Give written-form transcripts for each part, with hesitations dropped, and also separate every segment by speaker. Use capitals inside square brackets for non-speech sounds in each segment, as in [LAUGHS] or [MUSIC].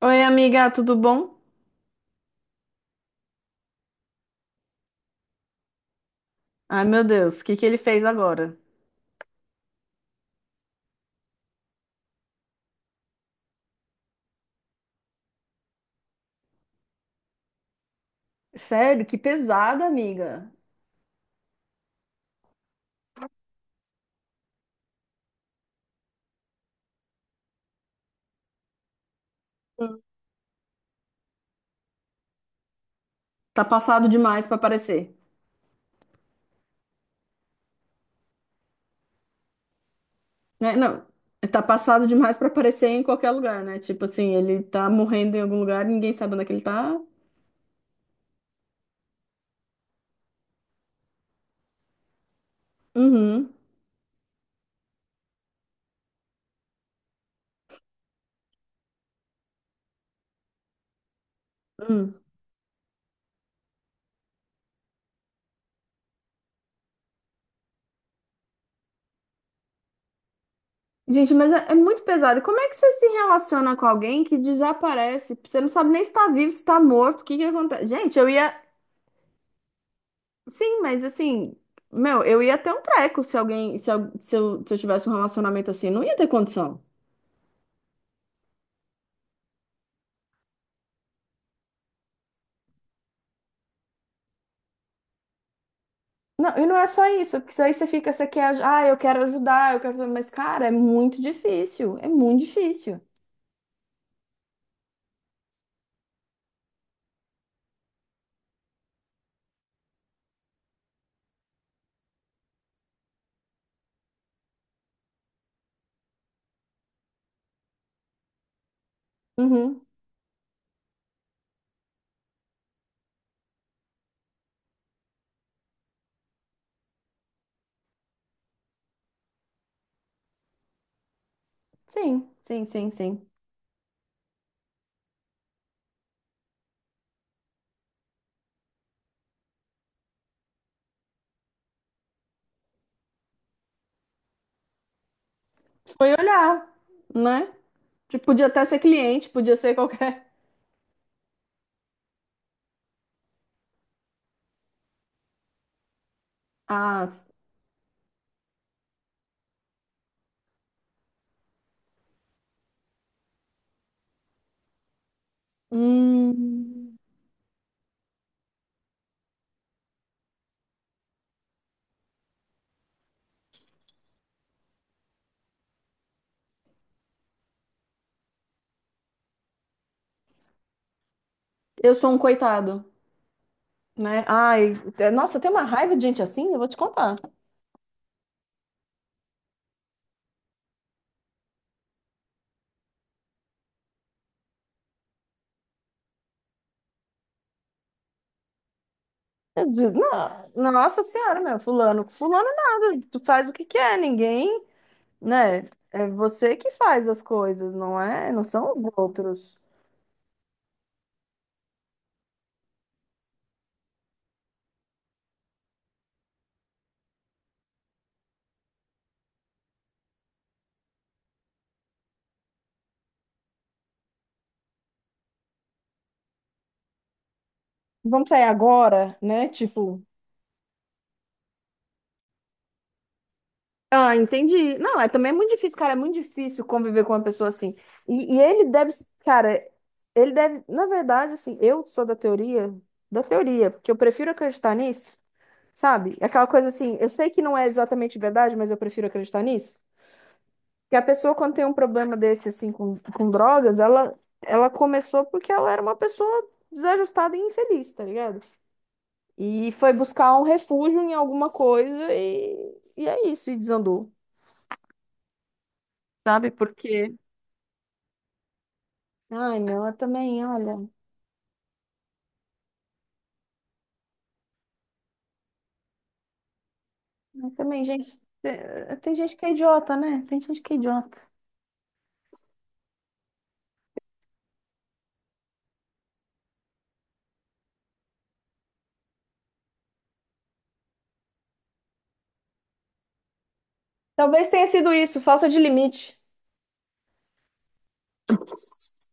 Speaker 1: Oi, amiga, tudo bom? Ai, meu Deus, o que ele fez agora? Sério, que pesada, amiga. Tá passado demais pra aparecer, né? Não, tá passado demais pra aparecer em qualquer lugar, né? Tipo assim, ele tá morrendo em algum lugar, ninguém sabe onde é que ele tá. Uhum. Hum. Gente, mas é muito pesado. Como é que você se relaciona com alguém que desaparece? Você não sabe nem se tá vivo, se tá morto, o que acontece? Gente, eu ia, sim, mas assim, meu, eu ia ter um treco se alguém, se eu, se eu tivesse um relacionamento assim, não ia ter condição. Não, e não é só isso, porque daí você fica, você quer, ah, eu quero ajudar, eu quero, mas cara, é muito difícil. Uhum, sim, sim. Foi olhar, né? Tipo, podia até ser cliente, podia ser qualquer. [LAUGHS] Ah, hum, eu sou um coitado, né? Ai, nossa, eu tenho uma raiva de gente assim, eu vou te contar. Eu disse, não, nossa senhora, meu, fulano nada, tu faz o que quer, ninguém, né? É você que faz as coisas, não é? Não são os outros. Vamos sair agora, né? Tipo, ah, entendi. Não, é também é muito difícil, cara, é muito difícil conviver com uma pessoa assim. E ele deve, cara, ele deve, na verdade, assim, eu sou da teoria, porque eu prefiro acreditar nisso, sabe? Aquela coisa assim, eu sei que não é exatamente verdade, mas eu prefiro acreditar nisso. Porque a pessoa, quando tem um problema desse, assim, com drogas, ela começou porque ela era uma pessoa desajustada e infeliz, tá ligado? E foi buscar um refúgio em alguma coisa e é isso, e desandou, sabe? Porque. Ai, não, eu também, olha. Eu também, gente. Tem gente que é idiota, né? Tem gente que é idiota. Talvez tenha sido isso, falta de limite.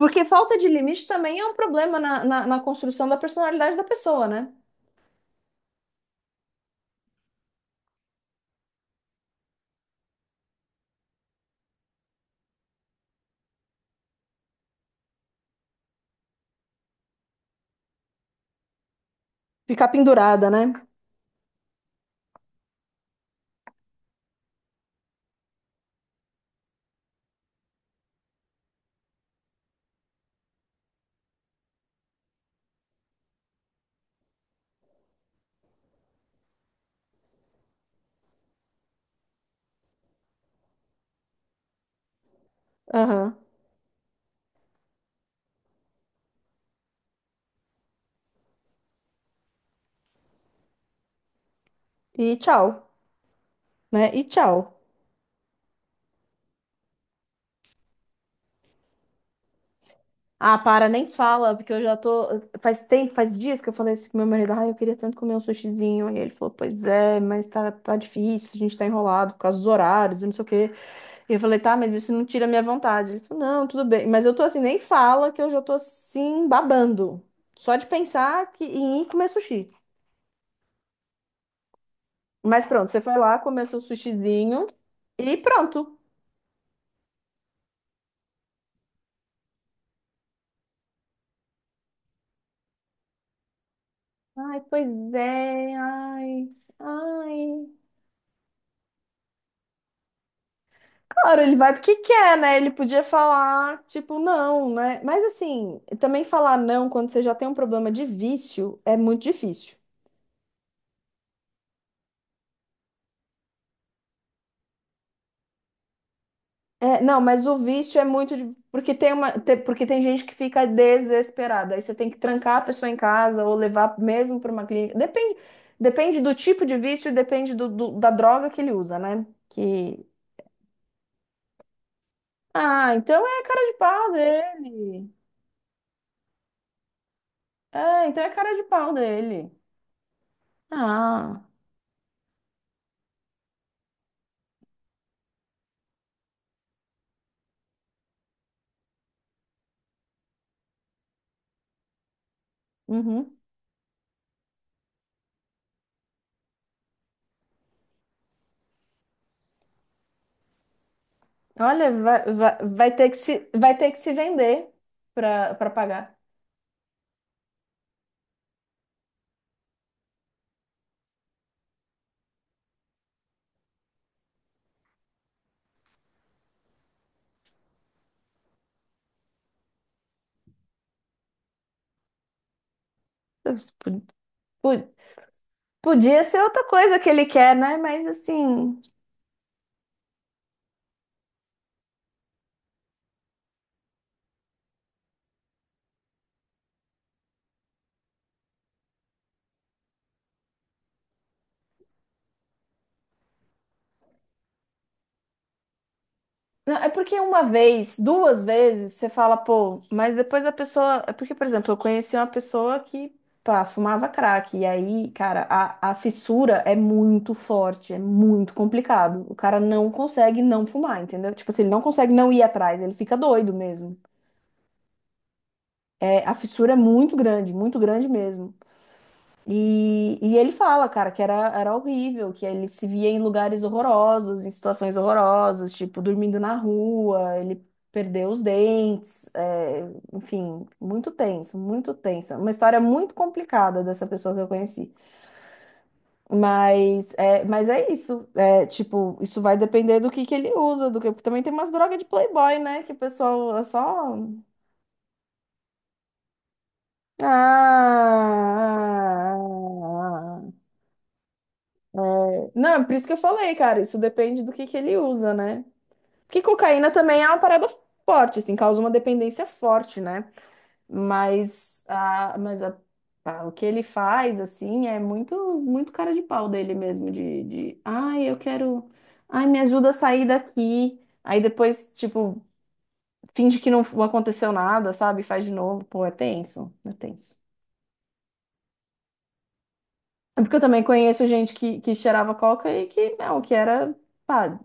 Speaker 1: Porque falta de limite também é um problema na construção da personalidade da pessoa, né? Ficar pendurada, né? Aham. E tchau. Né? E tchau. Ah, para, nem fala, porque eu já tô. Faz tempo, faz dias que eu falei isso pro meu marido. Ah, eu queria tanto comer um sushizinho. E ele falou, pois é, mas tá difícil, a gente tá enrolado por causa dos horários, e não sei o quê. E eu falei, tá, mas isso não tira a minha vontade. Ele falou, não, tudo bem. Mas eu tô assim, nem fala, que eu já tô assim, babando. Só de pensar que, em ir comer sushi. Mas pronto, você foi lá, comeu seu sushizinho e pronto. Ai, pois é, ai, ai. Claro, ele vai porque quer, né? Ele podia falar, tipo, não, né? Mas assim, também falar não quando você já tem um problema de vício é muito difícil. É, não, mas o vício é muito porque tem uma, porque tem gente que fica desesperada. Aí você tem que trancar a pessoa em casa ou levar mesmo para uma clínica. Depende, depende do tipo de vício, e depende da droga que ele usa, né? Que ah, então é cara de pau dele. É, então é cara de pau dele. Ah. Uhum. Olha, vai ter que se, vai ter que se vender para pagar. Pu- pu- Podia ser outra coisa que ele quer, né? Mas assim. Não, é porque uma vez, duas vezes, você fala, pô, mas depois a pessoa. É porque, por exemplo, eu conheci uma pessoa que, pá, fumava crack. E aí, cara, a fissura é muito forte, é muito complicado. O cara não consegue não fumar, entendeu? Tipo assim, ele não consegue não ir atrás, ele fica doido mesmo. É, a fissura é muito grande mesmo. E ele fala, cara, que era horrível, que ele se via em lugares horrorosos, em situações horrorosas, tipo, dormindo na rua, ele perdeu os dentes, é, enfim, muito tenso, muito tensa. Uma história muito complicada dessa pessoa que eu conheci. Mas é isso, é, tipo, isso vai depender do que ele usa, do que, porque também tem umas drogas de playboy, né, que o pessoal é só... Ah... ah. É, não, por isso que eu falei, cara, isso depende do que ele usa, né? Porque cocaína também é uma parada forte, assim, causa uma dependência forte, né? Mas, a, mas a, o que ele faz, assim, é muito, muito cara de pau dele mesmo, ai, eu quero, ai, me ajuda a sair daqui. Aí depois, tipo, finge que não aconteceu nada, sabe? Faz de novo, pô, é tenso. É porque eu também conheço gente que cheirava coca e que, não, que era... pá,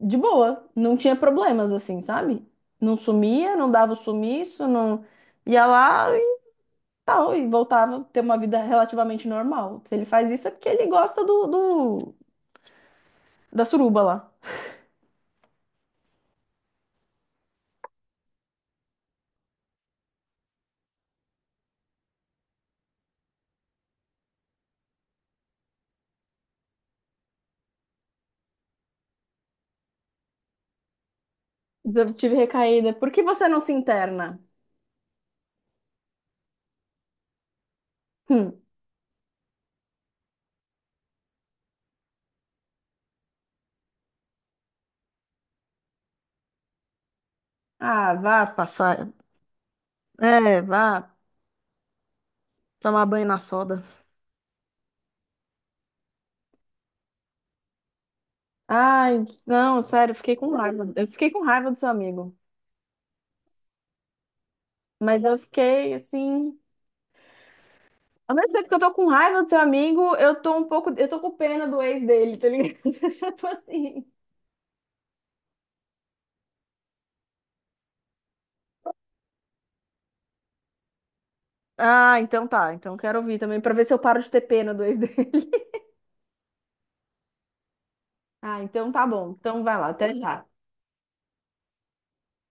Speaker 1: de boa, não tinha problemas assim, sabe? Não sumia, não dava o sumiço, não ia lá e tal, e voltava a ter uma vida relativamente normal. Se ele faz isso é porque ele gosta da suruba lá. Eu tive recaída. Por que você não se interna? Hum. Ah, vá passar. É, vá tomar banho na soda. Ai, não, sério, eu fiquei com raiva. Eu fiquei com raiva do seu amigo. Mas eu fiquei assim. Ao mesmo tempo que eu tô com raiva do teu amigo, eu tô um pouco. Eu tô com pena do ex dele, tá ligado? [LAUGHS] Eu tô assim. Ah, então tá. Então quero ouvir também, pra ver se eu paro de ter pena do ex dele. [LAUGHS] Ah, então tá bom. Então vai lá, até já.